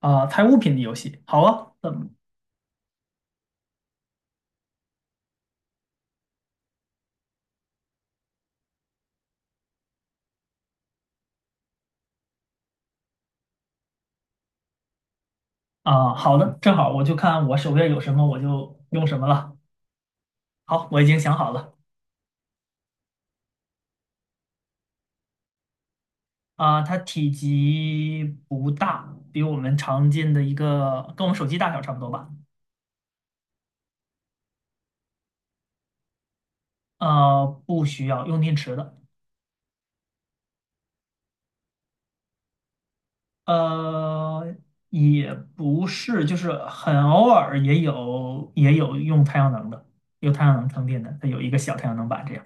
啊，猜物品的游戏。好啊，嗯。啊，好的，正好我就看我手边有什么我就用什么了。好，我已经想好了。啊，它体积不大，比我们常见的一个跟我们手机大小差不多吧。不需要用电池的。呃，也不是，就是很偶尔也有用太阳能的，有太阳能充电的，它有一个小太阳能板这样。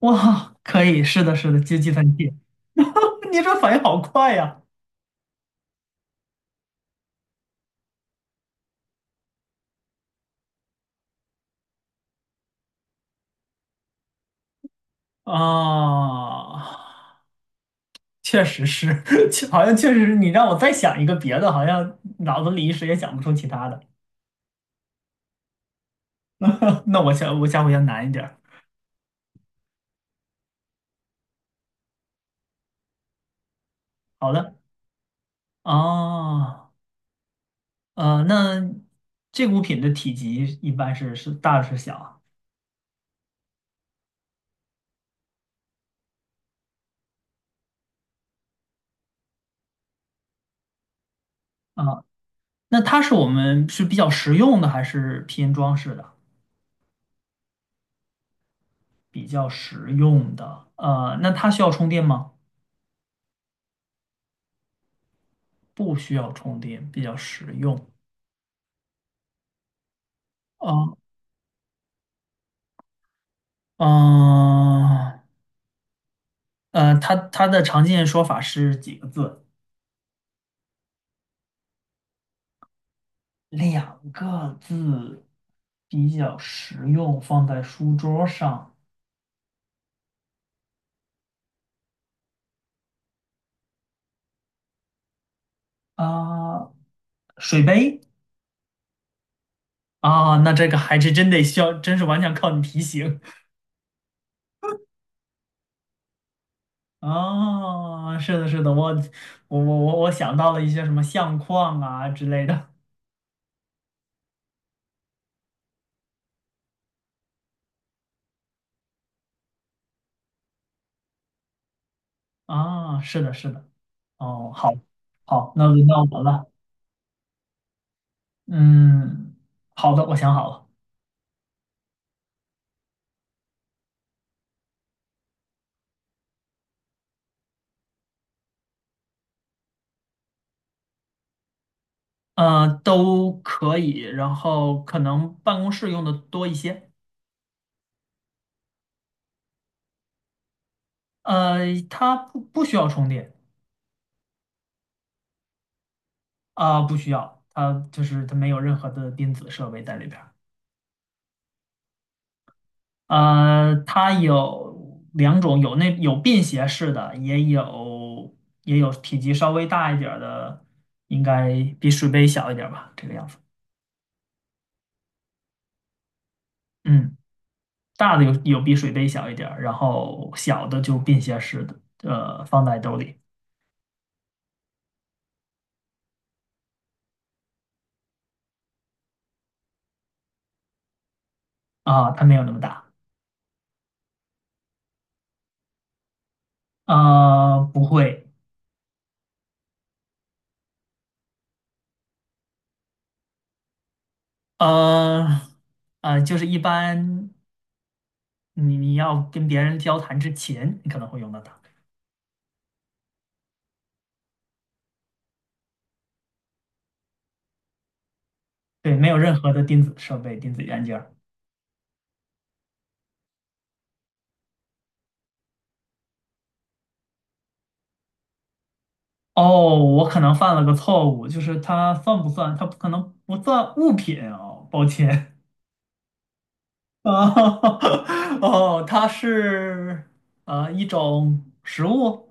哇，可以，是的，是的，接计算器。你这反应好快呀。啊，确实是。好像确实是你让我再想一个别的，好像脑子里一时也想不出其他的。那我下回要难一点儿。好的。哦，那这个物品的体积一般是大是小啊？啊，那我们是比较实用的还是偏装饰的？比较实用的，那它需要充电吗？不需要充电，比较实用。哦，嗯、它的常见说法是几个字？两个字，比较实用，放在书桌上。啊。水杯。啊，那这个还是真得需要，真是完全靠你提醒。啊。是的，是的，我想到了一些什么相框啊之类的。啊。是的，是的。哦，好，好，那轮到我了。嗯，好的，我想好了。都可以，然后可能办公室用的多一些。呃，它不需要充电。啊，不需要，它就是它没有任何的电子设备在里边儿。它有两种，有便携式的，也有体积稍微大一点儿的，应该比水杯小一点儿吧，这个样子。嗯，大的有比水杯小一点儿，然后小的就便携式的，放在兜里。啊，它没有那么大。不会。呃，就是一般你要跟别人交谈之前，你可能会用到它。对，没有任何的电子设备、电子元件儿。哦，我可能犯了个错误，就是它算不算？它不可能不算物品哦，抱歉。哦，哦，它是一种食物。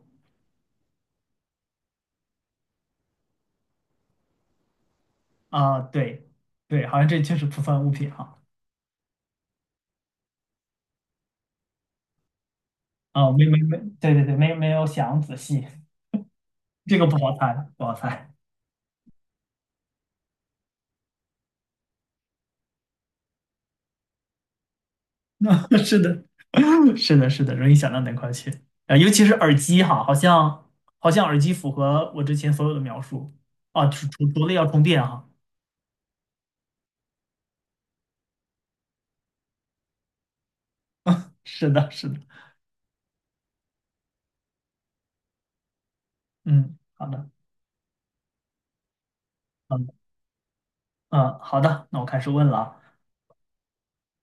啊，对对，好像这确实不算物品哈。啊，没没没，对对对，没有想仔细，这个不好猜，不好猜。是的。是的，是的，容易想到哪块去。啊，尤其是耳机哈，好像耳机符合我之前所有的描述。啊，除了要充电哈，是的，是的。嗯，好的。嗯嗯，好的，那我开始问了。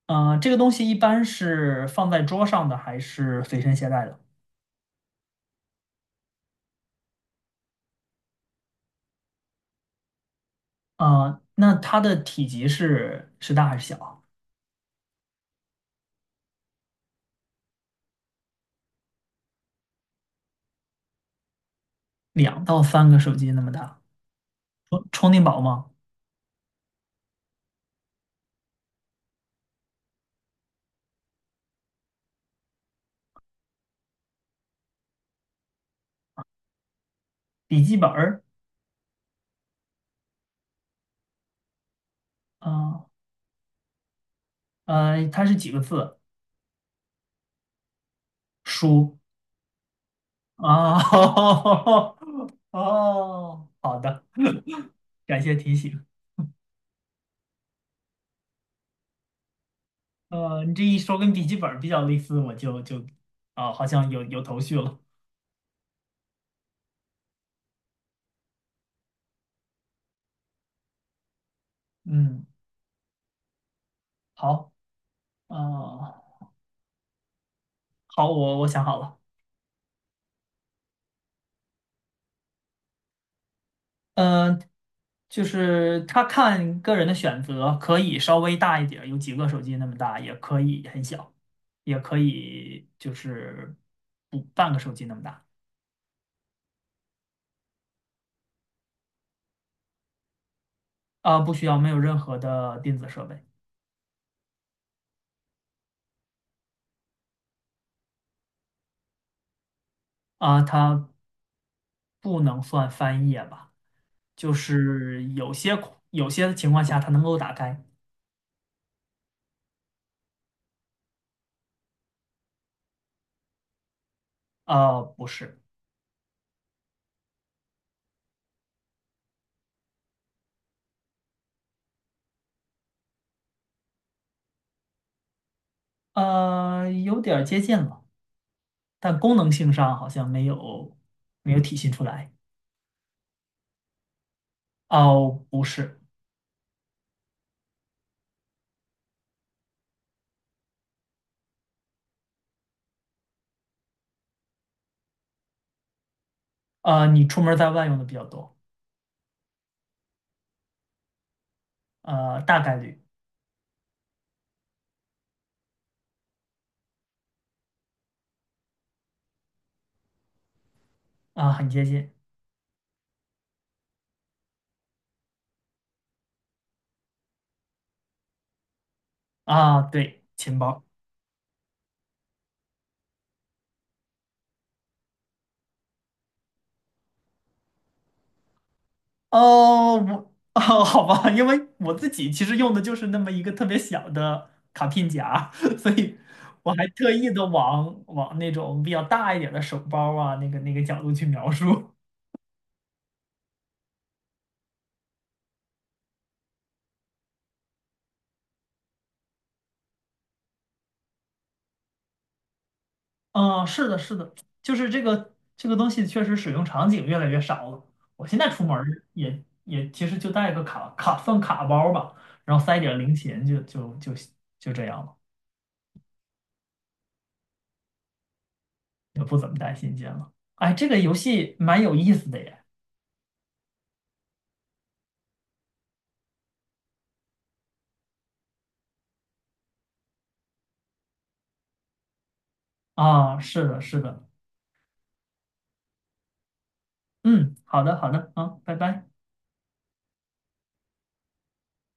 啊，这个东西一般是放在桌上的还是随身携带的？啊，那它的体积是大还是小啊？两到三个手机那么大。充电宝吗？笔记本儿？啊它是几个字？书。哦。 哦，好的。感谢提醒。你这一说跟笔记本儿比较类似，我就。啊，好像有头绪了。嗯，好。呃，好，我想好了。嗯、就是他看个人的选择，可以稍微大一点儿，有几个手机那么大，也可以很小，也可以就是不半个手机那么大。啊，不需要，没有任何的电子设备。啊，它不能算翻页吧？就是有些情况下它能够打开。不是。有点儿接近了，但功能性上好像没有体现出来。哦，不是。你出门儿在外用的比较多。大概率。啊，很接近。啊，对，钱包。哦，我 哦，好吧，因为我自己其实用的就是那么一个特别小的卡片夹，所以我还特意的往那种比较大一点的手包啊，那个角度去描述。嗯，是的，是的，就是这个东西确实使用场景越来越少了。我现在出门儿也其实就带个卡放卡包吧，然后塞点儿零钱就这样了，也不怎么带现金了。哎，这个游戏蛮有意思的耶。啊，是的，是的。嗯，好的，好的，好，拜拜。